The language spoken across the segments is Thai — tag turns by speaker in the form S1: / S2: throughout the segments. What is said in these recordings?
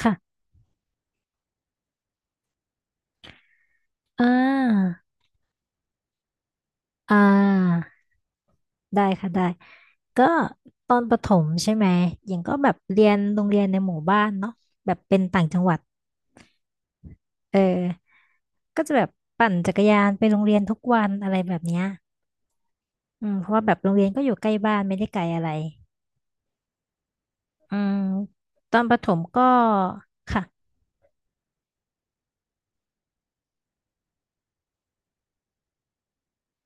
S1: ค่ะอ่าอ่าได้ค่ะได้ ก็ตอนประถมใช่ไหมยังก็แบบเรียนโรงเรียนในหมู่บ้านเนาะแบบเป็นต่างจังหวัด เออก็จะแบบปั่นจักรยานไปโรงเรียนทุกวันอะไรแบบเนี้ยอืมเพราะว่าแบบโรงเรียนก็อยู่ใกล้บ้านไม่ได้ไกลอะไร อืมตอนประถมก็ค่ะ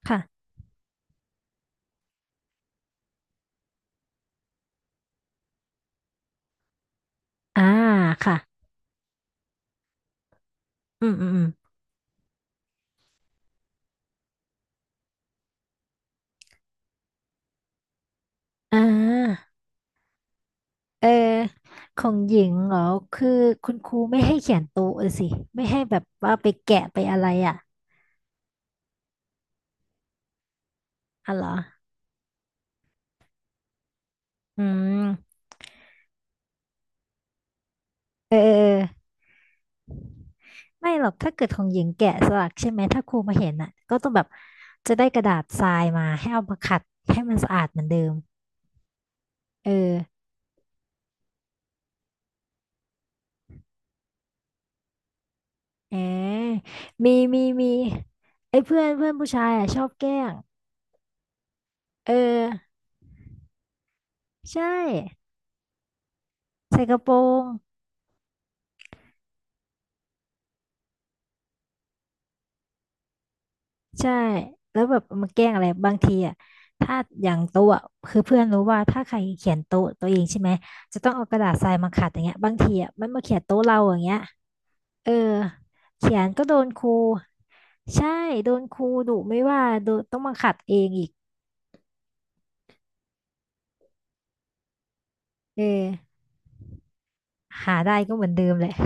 S1: ค่ะ อ่า ค่ะ อืมอืมอืมอ่า เออของหญิงเหรอ คือคุณครูไม่ให้เขียนโต๊ะเลยสิ ไม่ให้แบบว่าไปแกะไปอะไรอ่ะอ๋อเหรออืมเออเออเออไม่หรอกถ้าเกิดของหญิงแกะสลักใช่ไหมถ้าครูมาเห็นอ่ะก็ต้องแบบจะได้กระดาษทรายมาให้เอามาขัดให้มันสะอาดเหมือนเดิม เออเออมี มี มีไอ้เพื่อนเพื่อนผู้ชายอ่ะชอบแกล้ง เออใช่ใส่กระโปรง ใช่แล้วแบบมาแกล้งอะไรบางทีอ่ะถ้าอย่างโต๊ะอะคือเพื่อนรู้ว่าถ้าใครเขียนโต๊ะตัวเองใช่ไหมจะต้องเอากระดาษทรายมาขัดอย่างเงี้ยบางทีอ่ะมันมาเขียนโต๊ะเราอย่างเงี้ยเออเขียนก็โดนครูใช่โดนครูดุไม่ว่าโดนต้องมาขัดเองอีกเออหาได้ก็เหมือนเดิมแหละ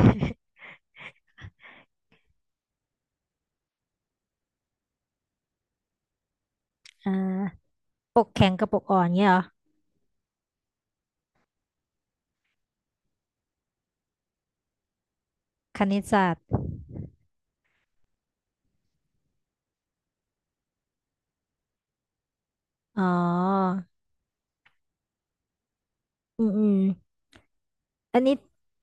S1: อ่าปกแข็งกับปกอ่อนเงี้ยเหรอคณิตศาสตร์อ๋ออืมอืมอันนี้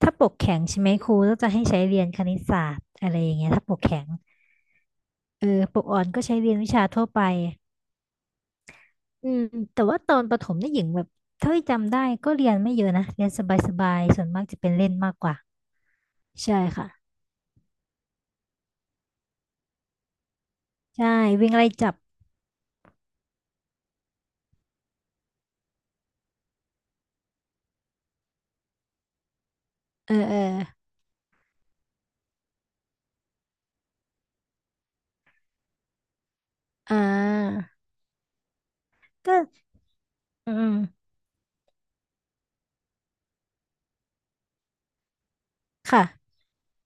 S1: ถ้าปกแข็งใช่ไหมครูก็จะให้ใช้เรียนคณิตศาสตร์อะไรอย่างเงี้ยถ้าปกแข็ง เออปกอ่อนก็ใช้เรียนวิชาทั่วไปอืมแต่ว่าตอนประถมนี่หญิงแบบเท่าที่จำได้ก็เรียนไม่เยอะนะ เรียนสบายๆส่วนมากจะเป็นเล่นมากกว่าใช่ค่ะใช่วิ่งไล่จับเออเอออ่าก็อืมค่ะ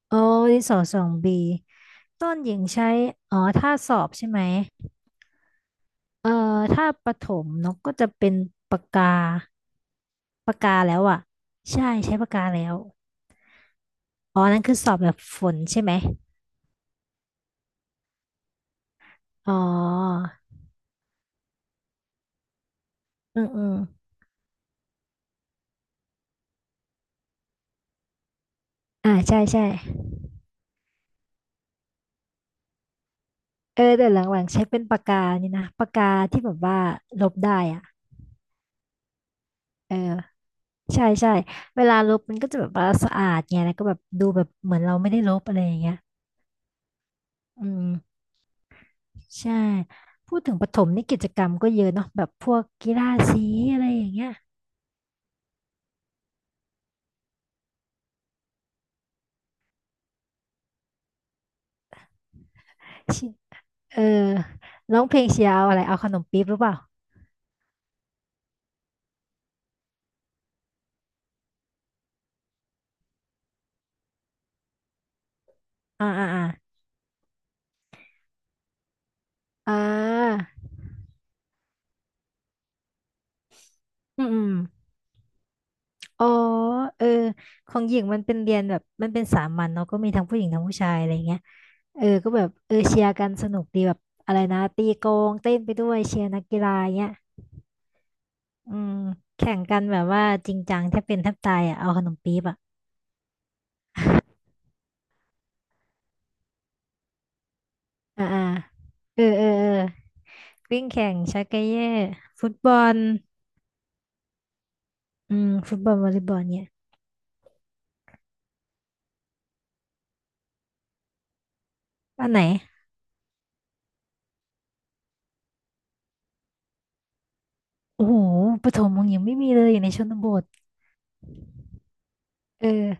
S1: โอ้ดินสอสองบีต้นหญิงใช้อ๋อถ้าสอบใช่ไหมเออถ้าประถมนกก็จะเป็นปากกาปากกาแล้วอ่ะใช่ใช้ปากกาแล้วอ๋อนั่นคือสอบแบบฝนใช่ไหมอ๋อ อืมอืมอ่าใช่ใช่เออแต่หลังๆใช้เป็นปากกานี่นะปากกาที่แบบว่าลบได้อ่ะเออใช่ใช่เวลาลบมันก็จะแบบว่าสะอาดไงแล้วก็แบบดูแบบเหมือนเราไม่ได้ลบอะไรอย่างเงี้ยอืมใช่พูดถึงประถมนี่กิจกรรมก็เยอะเนาะแบบพวกกีฬาสีอะไรอย่างเงี้ยชิเออร้องเพลงเชียร์เอาอะไรเอาขนมปี๊บหรือเปล่าอ่าอ่าอ่าอ่าอืมอืม อ๋อเออของหญิงมันเป็นเรียนแบบมันเป็นสามัญเนาะก็มีทั้งผู้หญิงทั้งผู้ชายอะไรเงี้ยเออก็แบบเออเชียร์กันสนุกดีแบบอะไรนะตีโกงเต้นไปด้วยเชียร์นักกีฬาเงี้ยอืมแข่งกันแบบว่าจริงจังแทบเป็นแทบตายอ่ะเอาขนมปี๊บอ่ะอ่าอ่าเออเออเออวิ่งแข่งชักเกเย่ฟุตบอลอืมฟุตบอลวอลเลย์บอลเนี่ยอันไหนโอ้โหปฐมของหญิงไม่มีเลยอยู่ในชนบทเออ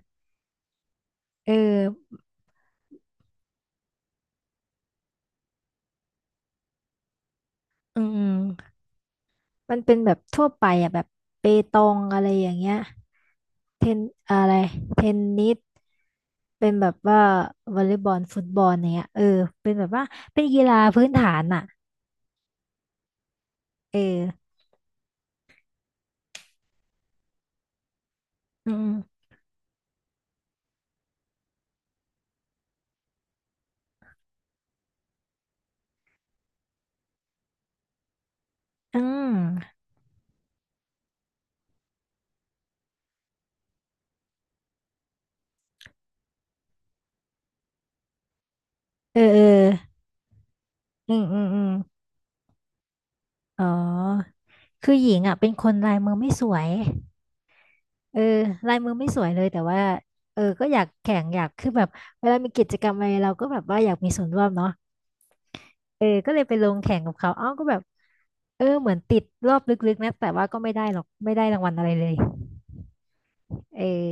S1: เอออืม มันเป็นแบบทั่วไปอ่ะแบบเปตองอะไรอย่างเงี้ยเทนอะไรเทนนิสเป็นแบบว่าวอลเลย์บอลฟุตบอลเนี้ยเออเป็นแบบว่าเป็นกีฬาพื้นฐานอ่ะเอออืมอืมอืมเออเอออืมอืมอืมอ๋อคือหญิงอ่ะเป็นคนลายมือไม่สวยเออลายมือไม่สวยเลยแต่ว่าเออก็อยากแข่งอยากคือแบบเวลามีกิจกรรมอะไรเราก็แบบว่าอยากมีส่วนร่วมเนาะ เออก็เลยไปลงแข่งกับเขาเอ้าก็แบบเออเหมือนติดรอบลึกๆนะแต่ว่าก็ไม่ได้หรอกไม่ได้รางวัลอะไรเลยเออ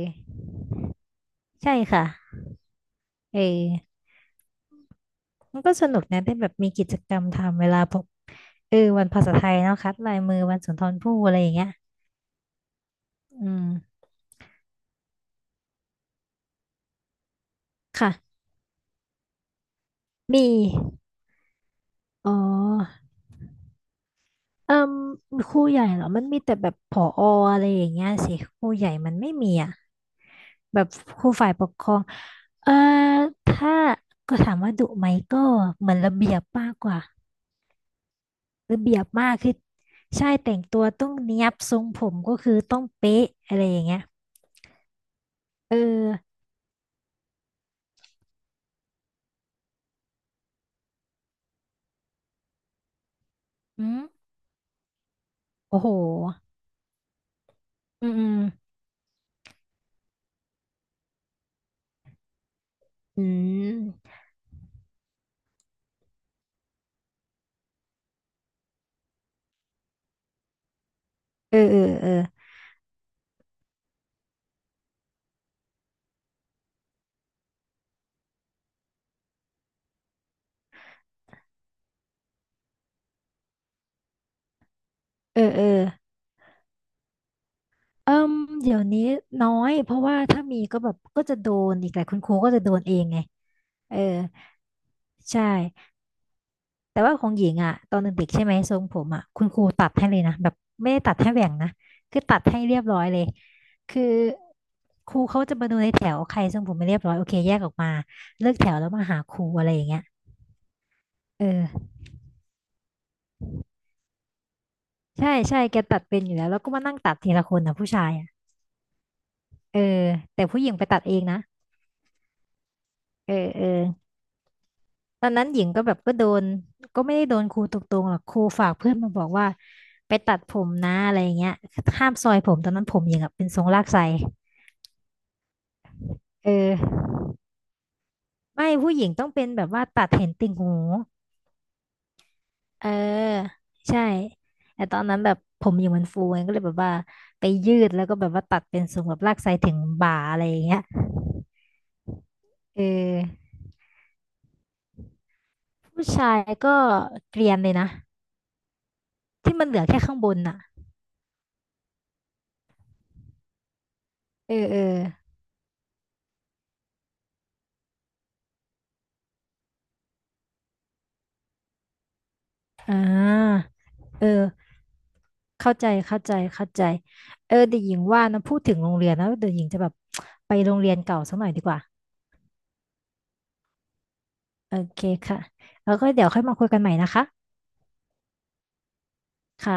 S1: ใช่ค่ะเออมันก็สนุกนะได้แบบมีกิจกรรมทำเวลาพบเออวันภาษาไทยเนาะคัดลายมือวันสุนทรภู่อะไรอย่างเงี้ยอืมค่ะมีอ๋อ เอ่มครูใหญ่เหรอมันมีแต่แบบผออะไรอย่างเงี้ยสิครูใหญ่มันไม่มีอ่ะแบบครูฝ่ายปกครองเอ่อถ้าก็ถามว่าดุไหมก็เหมือนระเบียบมากกว่าระเบียบมากคือใช่แต่งตัวต้องเนียบทรงผมก็คือต้องเป๊ะอะไรอย่างเงี้ยเอออืมโอ้โหอืมอืมอืมเออเออเออเออเออ เอิ่มเดี๋ยวนี้น้อยเพราะว่าถ้ามีก็แบบก็จะโดนอีกแหละคุณครูก็จะโดนเองไงเออใช่แต่ว่าของหญิงอ่ะตอนเด็กๆใช่ไหมทรงผมอ่ะคุณครูตัดให้เลยนะแบบไม่ได้ตัดให้แหว่งนะคือตัดให้เรียบร้อยเลยคือครูเขาจะมาดูในแถวใครทรงผมไม่เรียบร้อยโอเคแยกออกมาเลิกแถวแล้วมาหาครูอะไรอย่างเงี้ยเออใช่ใช่แกตัดเป็นอยู่แล้วแล้วก็มานั่งตัดทีละคนนะผู้ชายอ่ะเออแต่ผู้หญิงไปตัดเองนะเออเออ ตอนนั้นหญิงก็แบบก็โดนก็ไม่ได้โดนครูตรงๆหรอกครูฝากเพื่อนมาบอกว่าไปตัดผมนะอะไรอย่างเงี้ยห้ามซอยผมตอนนั้นผมหญิงอะเป็นทรงลากไสเออไม่ผู้หญิงต้องเป็นแบบว่าตัดเห็นติ่งหูเออใช่แต่ตอนนั้นแบบผมหญิงมันฟูไงก็เลยแบบว่าไปยืดแล้วก็แบบว่าตัดเป็นทรงแบบลากไสถึงบ่าอะไรอย่างเงี้ยเออผู้ชายก็เกรียนเลยนะที่มันเหลือแค่ข้างบนน่ะเออเอออ่าเออ เข้าใจเข้าใจเข้าใจเออเดี๋ยวหญิงว่านะพูดถึงโรงเรียนนะเดี๋ยวหญิงจะแบบไปโรงเรียนเก่าสักหน่อยดีกว่าโอเคค่ะแล้วก็เดี๋ยวค่อยมาคุยกันใหม่นะคะค่ะ